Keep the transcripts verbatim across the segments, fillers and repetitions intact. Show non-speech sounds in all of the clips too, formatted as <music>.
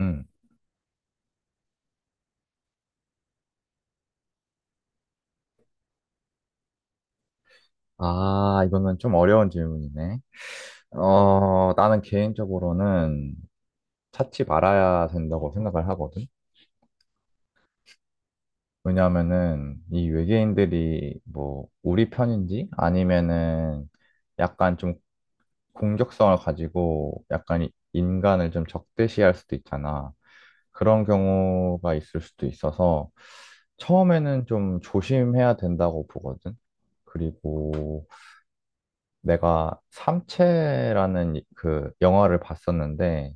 음. 아, 이거는 좀 어려운 질문이네. 어, 나는 개인적으로는 찾지 말아야 된다고 생각을 하거든. 왜냐하면은 이 외계인들이 뭐 우리 편인지 아니면은 약간 좀 공격성을 가지고 약간 이- 인간을 좀 적대시할 수도 있잖아. 그런 경우가 있을 수도 있어서 처음에는 좀 조심해야 된다고 보거든. 그리고 내가 삼체라는 이- 그 영화를 봤었는데,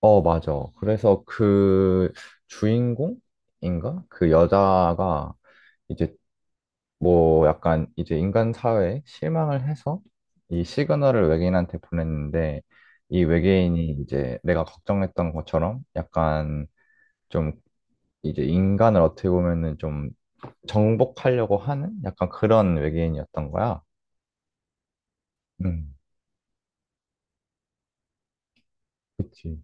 어, 맞아. 그래서 그 주인공인가? 그 여자가 이제 뭐 약간 이제 인간 사회에 실망을 해서 이 시그널을 외계인한테 보냈는데, 이 외계인이 이제 내가 걱정했던 것처럼 약간 좀 이제 인간을 어떻게 보면은 좀 정복하려고 하는 약간 그런 외계인이었던 거야. 음, 그치.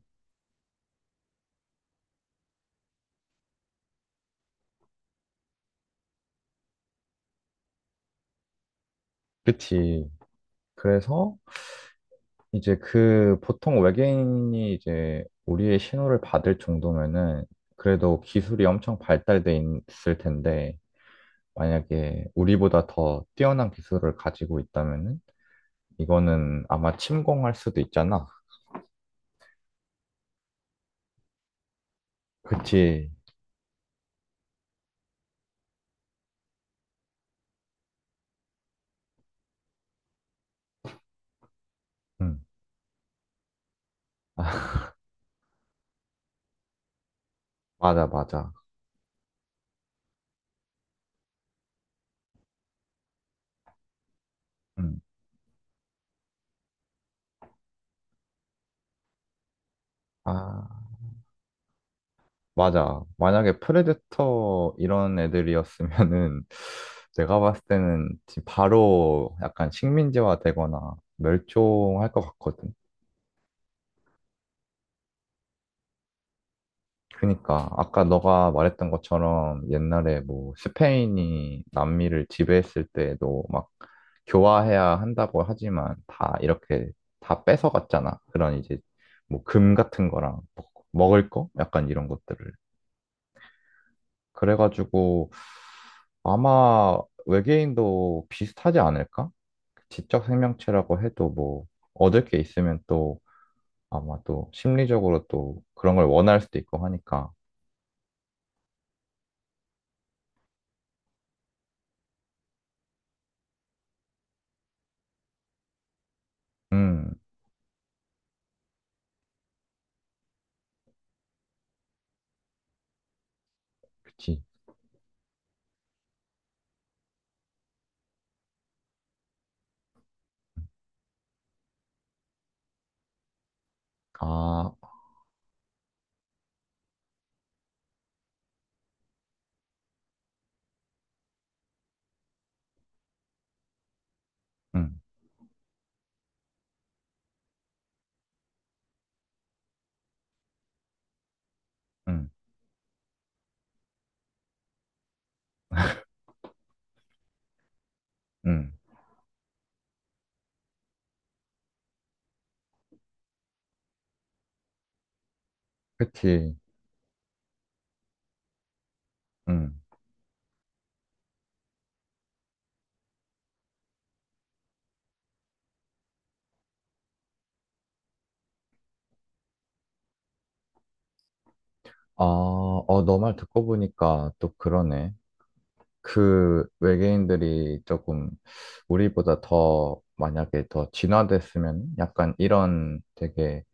그치. 그래서 이제 그 보통 외계인이 이제 우리의 신호를 받을 정도면은 그래도 기술이 엄청 발달돼 있을 텐데 만약에 우리보다 더 뛰어난 기술을 가지고 있다면은 이거는 아마 침공할 수도 있잖아. 그치? 응. 아, <laughs> 맞아, 맞아. 응. 아, 맞아. 만약에 프레데터 이런 애들이었으면은 <laughs> 내가 봤을 때는 지- 바로 약간 식민지화 되거나 멸종할 것 같거든. 그니까 아까 너가 말했던 것처럼 옛날에 뭐 스페인이 남미를 지배했을 때에도 막 교화해야 한다고 하지만 다 이렇게 다 뺏어갔잖아. 그런 이제 뭐 금 같은 거랑 먹- 먹을 거? 약간 이런 것들을. 그래가지고 아마 외계인도 비슷하지 않을까? 지적 생명체라고 해도 뭐 얻을 게 있으면 또 아마 또 심리적으로 또 그런 걸 원할 수도 있고 하니까. 음, 그치. 아, 응, 응, 응. 그치, 응. 아, 어, 너 말 듣고 보니까 또 그러네. 그 외계인들이 조금 우리보다 더 만약에 더 진화됐으면 약간 이런 되게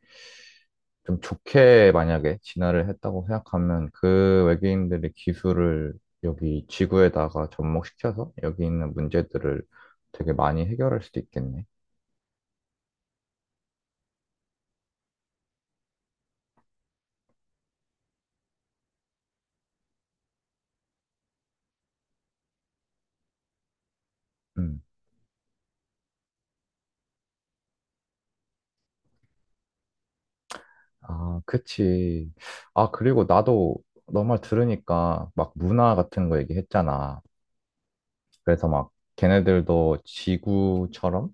좀 좋게 만약에 진화를 했다고 생각하면 그 외계인들의 기술을 여기 지구에다가 접목시켜서 여기 있는 문제들을 되게 많이 해결할 수도 있겠네. 응. 아, 그치. 아, 그리고 나도 너 말 들으니까 막 문화 같은 거 얘기했잖아. 그래서 막 걔네들도 지구처럼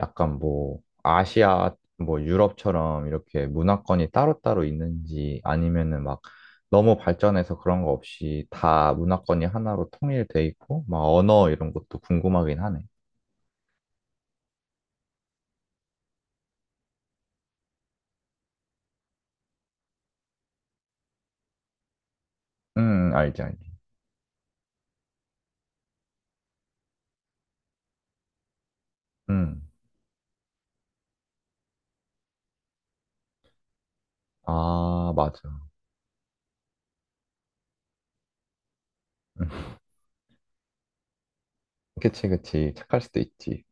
약간 뭐 아시아, 뭐 유럽처럼 이렇게 문화권이 따로따로 있는지 아니면은 막 너무 발전해서 그런 거 없이 다 문화권이 하나로 통일돼 있고 막 언어 이런 것도 궁금하긴 하네. 응, 알지, 알지. 응. 아, 맞아. <laughs> 그치, 그치. 착할 수도 있지.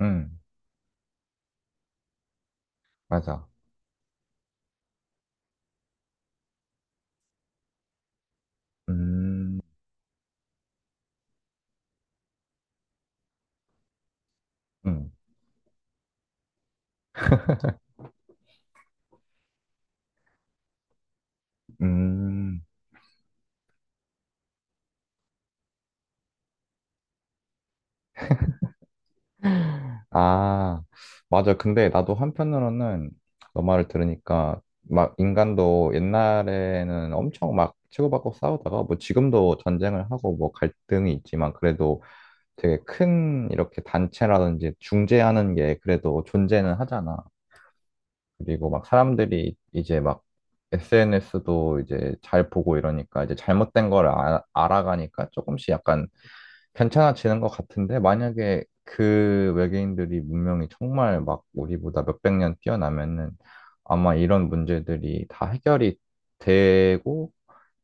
응, 맞아. 음, 음, 음. 아, 맞아. 근데 나도 한편으로는 너 말을 들으니까 막 인간도 옛날에는 엄청 막 치고받고 싸우다가 뭐 지금도 전쟁을 하고 뭐 갈등이 있지만 그래도 되게 큰 이렇게 단체라든지 중재하는 게 그래도 존재는 하잖아. 그리고 막 사람들이 이제 막 에스엔에스도 이제 잘 보고 이러니까 이제 잘못된 걸 아- 알아가니까 조금씩 약간 괜찮아지는 것 같은데 만약에 그 외계인들이 문명이 정말 막 우리보다 몇백 년 뛰어나면은 아마 이런 문제들이 다 해결이 되고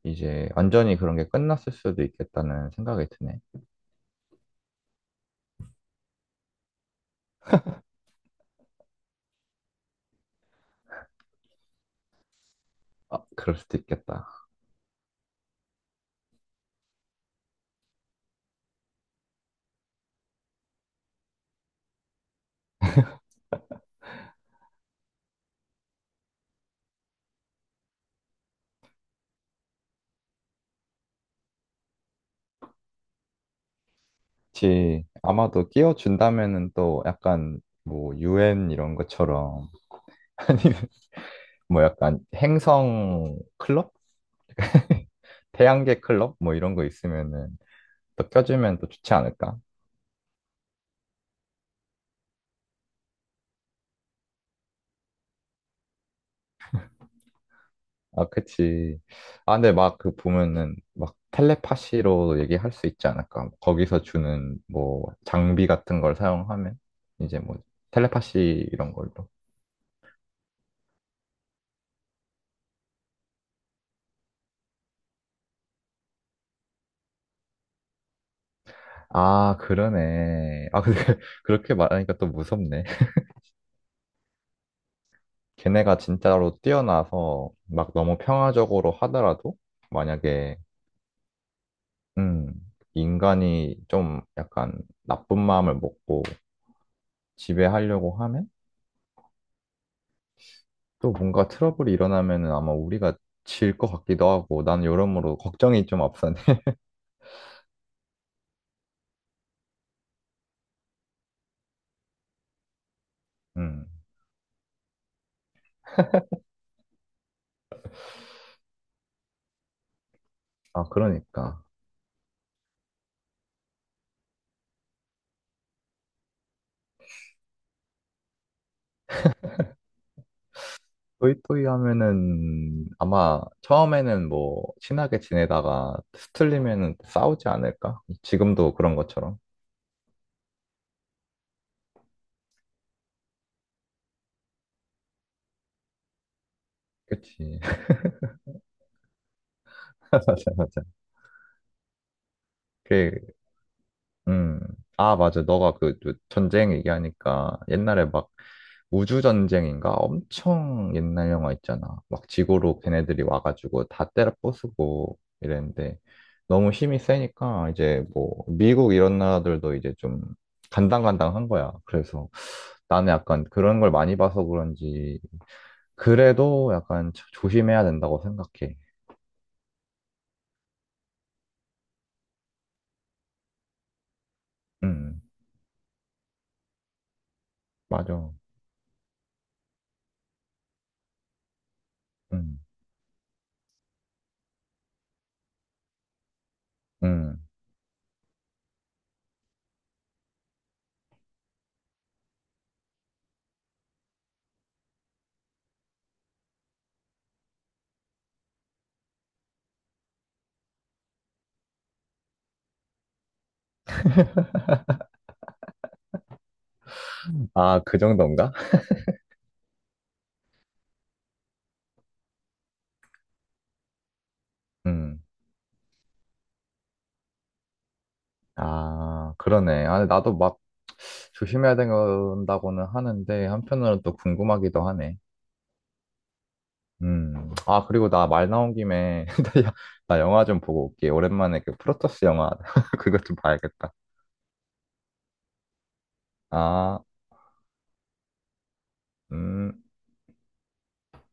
이제 완전히 그런 게 끝났을 수도 있겠다는 생각이 드네. 아, 그럴 수도 있겠다. 그치. 아마도 끼워준다면은 또 약간 뭐 유엔 이런 것처럼 <laughs> 아니면 뭐 약간 행성 클럽? <laughs> 태양계 클럽? 뭐 이런 거 있으면은 또 껴주면 또 좋지 않을까? 아, 그치. 아, 근데 막 그 보면은 막 텔레파시로 얘기할 수 있지 않을까? 거기서 주는 뭐 장비 같은 걸 사용하면 이제 뭐 텔레파시 이런 걸로. 아, 그러네. 아, 근데 <laughs> 그렇게 말하니까 또 무섭네. 걔네가 진짜로 뛰어나서 막 너무 평화적으로 하더라도 만약에, 음, 인간이 좀 약간 나쁜 마음을 먹고 지배하려고 하면 또 뭔가 트러블이 일어나면은 아마 우리가 질 것 같기도 하고 난 여러모로 걱정이 좀 앞서네. <laughs> 음. 아 그러니까 또이또이 하면은 아마 처음에는 뭐 친하게 지내다가 스틀리면은 싸우지 않을까? 지금도 그런 것처럼. 그치. <laughs> 맞아 맞아. 그 음. 아, 맞아. 너가 그그 전쟁 얘기하니까 옛날에 막 우주전쟁인가? 엄청 옛날 영화 있잖아. 막 지구로 걔네들이 와가지고 다 때려 부수고 이랬는데 너무 힘이 세니까 이제 뭐 미국 이런 나라들도 이제 좀 간당간당한 거야. 그래서 나는 약간 그런 걸 많이 봐서 그런지 그래도 약간 조- 조심해야 된다고 생각해. 음, 맞아. 음, 음. 아, 그 정도인가? <laughs> 음. 아, 그러네. 아, 나도 막 조심해야 된다고는 하는데, 한편으로는 또 궁금하기도 하네. 음. 아, 그리고 나 말 나온 김에, <laughs> 나 여- 나 영화 좀 보고 올게. 오랜만에 그 프로토스 영화, <laughs> 그것 좀 봐야겠다. 아, 음.